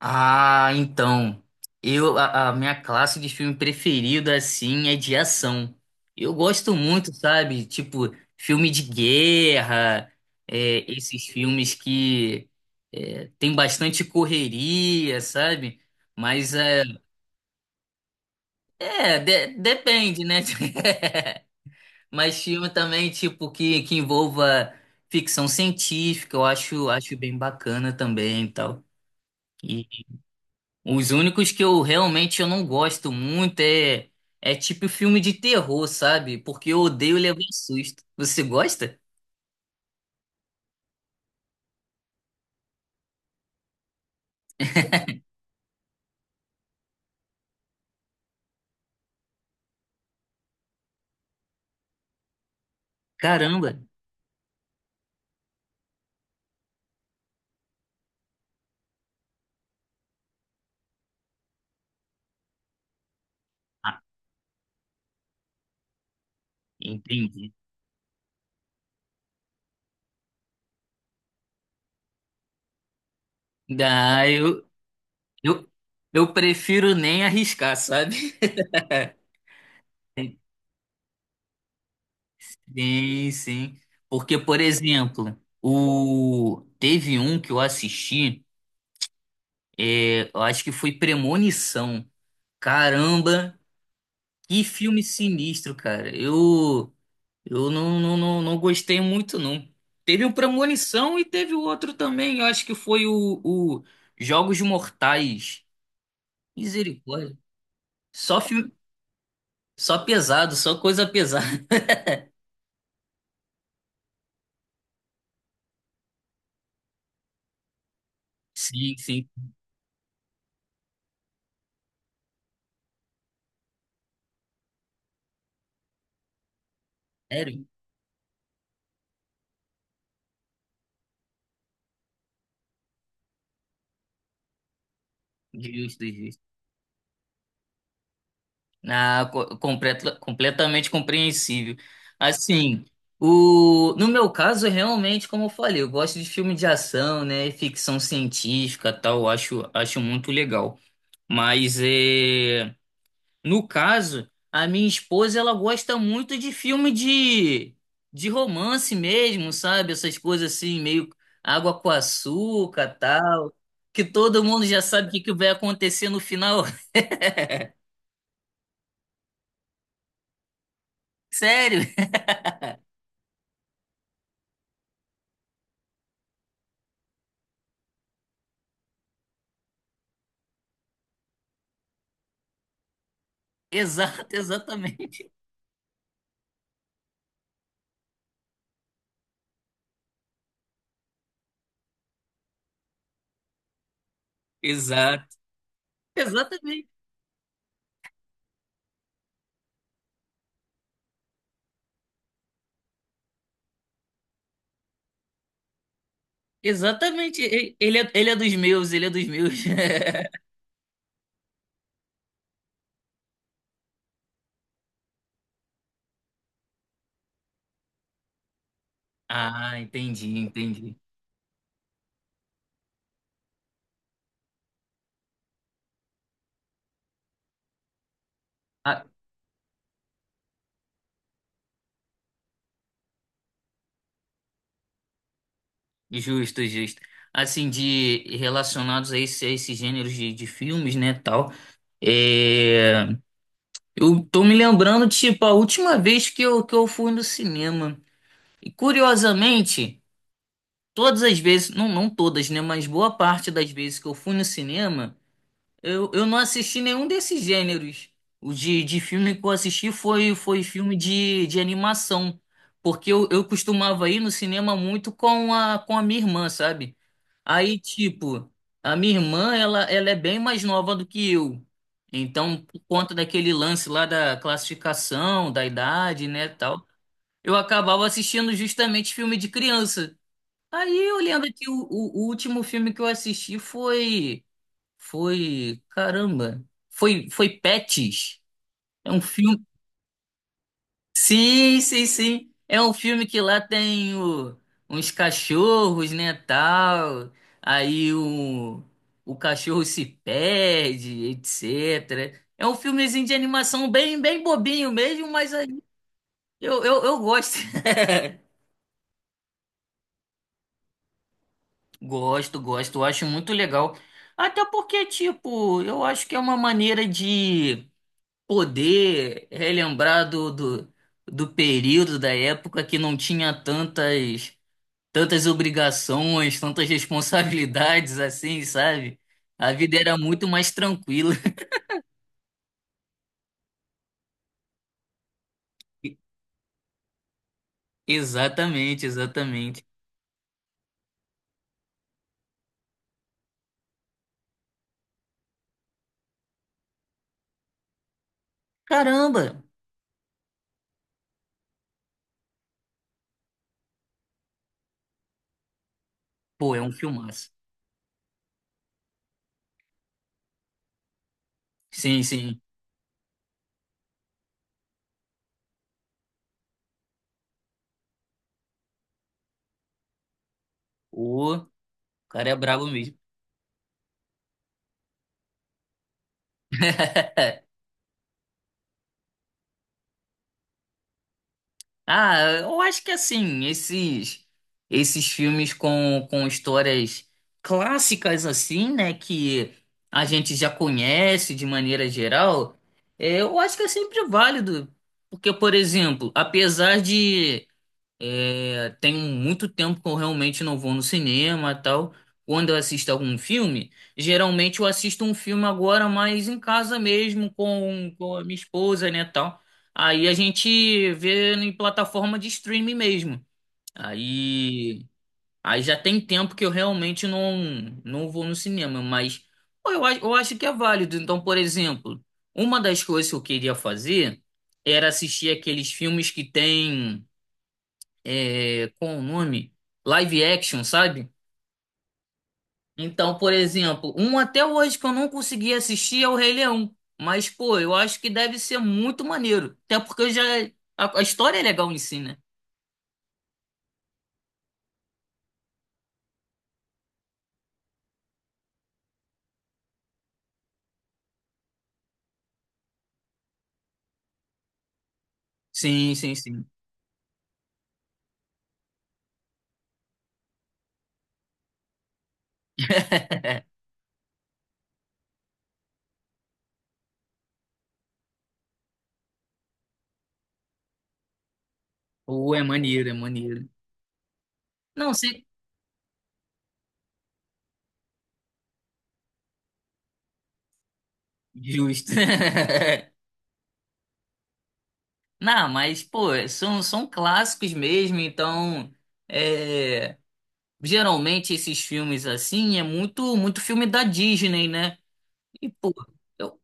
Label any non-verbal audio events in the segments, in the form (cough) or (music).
Ah, então. A minha classe de filme preferida, assim, é de ação. Eu gosto muito, sabe? Tipo, filme de guerra, esses filmes que tem bastante correria, sabe? Mas depende, né? (laughs) Mas filme também, tipo, que envolva ficção científica, eu acho bem bacana também e tal. Os únicos que eu realmente eu não gosto muito é tipo filme de terror, sabe? Porque eu odeio levar susto. Você gosta? Caramba. Ah, entendi. Ah, eu, eu prefiro nem arriscar, sabe? (laughs) Sim, sim. Porque, por exemplo, o teve um que eu assisti, eu acho que foi Premonição. Caramba, que filme sinistro, cara. Eu não, não, não, não gostei muito, não. Teve o Premonição e teve o outro também. Eu acho que foi o Jogos Mortais. Misericórdia. Só filme, só pesado, só coisa pesada. (laughs) Sim, sim. Sério? Justo, justo. Ah, completamente compreensível. Assim, no meu caso, realmente, como eu falei, eu gosto de filme de ação, né? Ficção científica, tal, acho muito legal. Mas é. No caso, a minha esposa ela gosta muito de filme de romance mesmo, sabe? Essas coisas assim, meio água com açúcar, tal, que todo mundo já sabe o que que vai acontecer no final. (laughs) Sério? (laughs) Exato, exatamente. Exato. Exatamente. Exatamente. Ele é dos meus, ele é dos meus. (laughs) Ah, entendi, entendi. Ah, justo, justo. Assim, de relacionados a esses gêneros de filmes, né, tal. É, eu tô me lembrando, tipo, a última vez que eu fui no cinema. E curiosamente, todas as vezes, não, não todas, né? Mas boa parte das vezes que eu fui no cinema. Eu não assisti nenhum desses gêneros. De filme que eu assisti foi filme de animação. Porque eu costumava ir no cinema muito com a minha irmã, sabe? Aí, tipo, a minha irmã, ela é bem mais nova do que eu. Então, por conta daquele lance lá da classificação, da idade, né, tal, eu acabava assistindo justamente filme de criança. Aí eu lembro que o último filme que eu assisti foi. Foi, caramba, foi Pets. É um filme. Sim, sim, sim. É um filme que lá tem uns cachorros, né, tal. Aí o cachorro se perde, etc. É um filmezinho de animação bem, bem bobinho mesmo, mas aí eu gosto. (laughs) Gosto, gosto, eu acho muito legal. Até porque, tipo, eu acho que é uma maneira de poder relembrar do período, da época que não tinha tantas obrigações, tantas responsabilidades assim, sabe? A vida era muito mais tranquila. (laughs) Exatamente, exatamente. Caramba! Pô, é um filmaço. Sim, sim. O cara é brabo mesmo. Ah, eu acho que assim, esses filmes com histórias clássicas assim, né, que a gente já conhece de maneira geral, eu acho que é sempre válido, porque, por exemplo, apesar de tem muito tempo que eu realmente não vou no cinema e tal. Quando eu assisto algum filme, geralmente eu assisto um filme agora, mas em casa mesmo, com a minha esposa, né, tal. Aí a gente vê em plataforma de streaming mesmo. Aí, aí já tem tempo que eu realmente não vou no cinema, mas pô, eu acho que é válido. Então, por exemplo, uma das coisas que eu queria fazer era assistir aqueles filmes que tem com o nome live action, sabe? Então, por exemplo, um até hoje que eu não consegui assistir é o Rei Leão. Mas, pô, eu acho que deve ser muito maneiro. Até porque eu já. A história é legal em si, né? Sim, sim, sim. Pô, é maneiro, é maneiro. Não, sei. Justo. (laughs) Não, mas, pô, são clássicos mesmo, então. É, geralmente esses filmes assim é muito, muito filme da Disney, né? E, pô. Eu,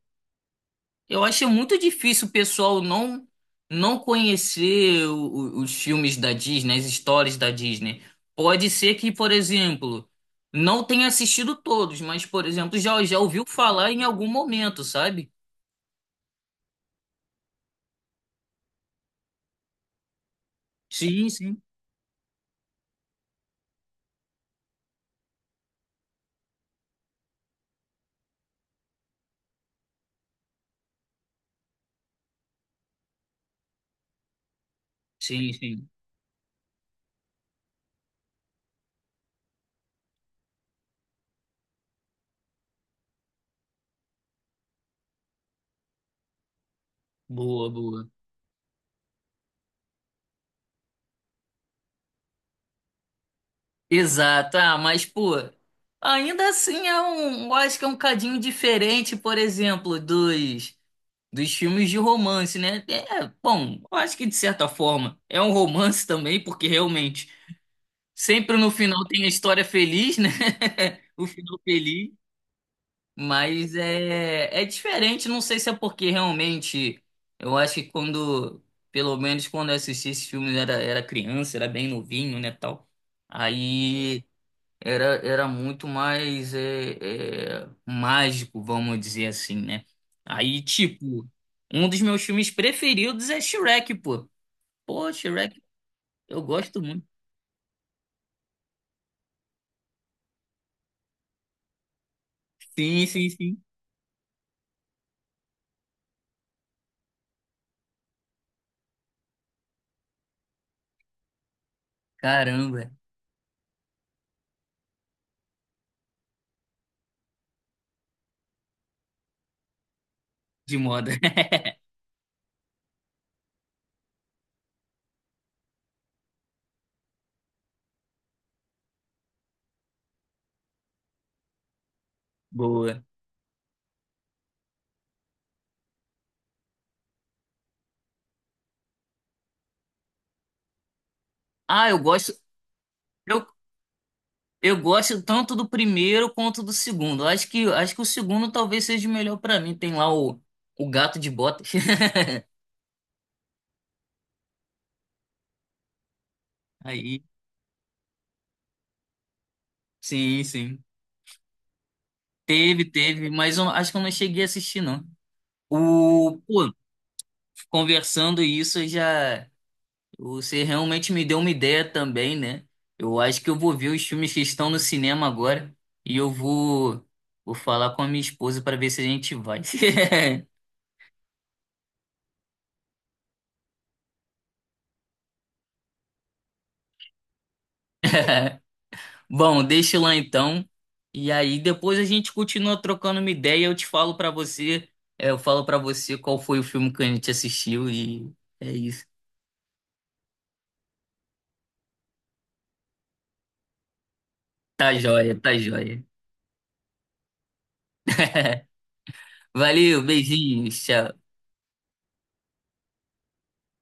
Eu achei muito difícil o pessoal não conhecer os filmes da Disney, as histórias da Disney. Pode ser que, por exemplo, não tenha assistido todos, mas, por exemplo, já ouviu falar em algum momento, sabe? Sim, sim. Sim, sim. Boa, boa. Exato. Ah, mas, pô, ainda assim é um, eu acho que é um cadinho diferente, por exemplo, dos filmes de romance, né? É, bom, eu acho que de certa forma é um romance também, porque realmente sempre no final tem a história feliz, né? (laughs) O final feliz, mas é diferente, não sei se é porque realmente eu acho que quando, pelo menos quando eu assisti esses filmes, era criança, era bem novinho, né, tal. Aí. Era muito mais mágico, vamos dizer assim, né? Aí, tipo, um dos meus filmes preferidos é Shrek, pô. Pô, Shrek, eu gosto muito. Sim, sim, sim. Caramba, de moda. (laughs) Boa. Ah, eu gosto. Eu, eu gosto tanto do primeiro quanto do segundo. Eu acho que o segundo talvez seja o melhor pra mim. Tem lá o Gato de Botas. (laughs) Aí, sim, sim. Teve, teve, mas eu acho que eu não cheguei a assistir, não. O, pô, conversando isso já você realmente me deu uma ideia também, né? Eu acho que eu vou ver os filmes que estão no cinema agora e eu vou falar com a minha esposa para ver se a gente vai. (laughs) Bom, deixa lá então. E aí depois a gente continua trocando uma ideia, eu te falo para você, eu falo para você qual foi o filme que a gente assistiu e é isso. Tá joia, tá joia. (laughs) Valeu, beijinhos, tchau.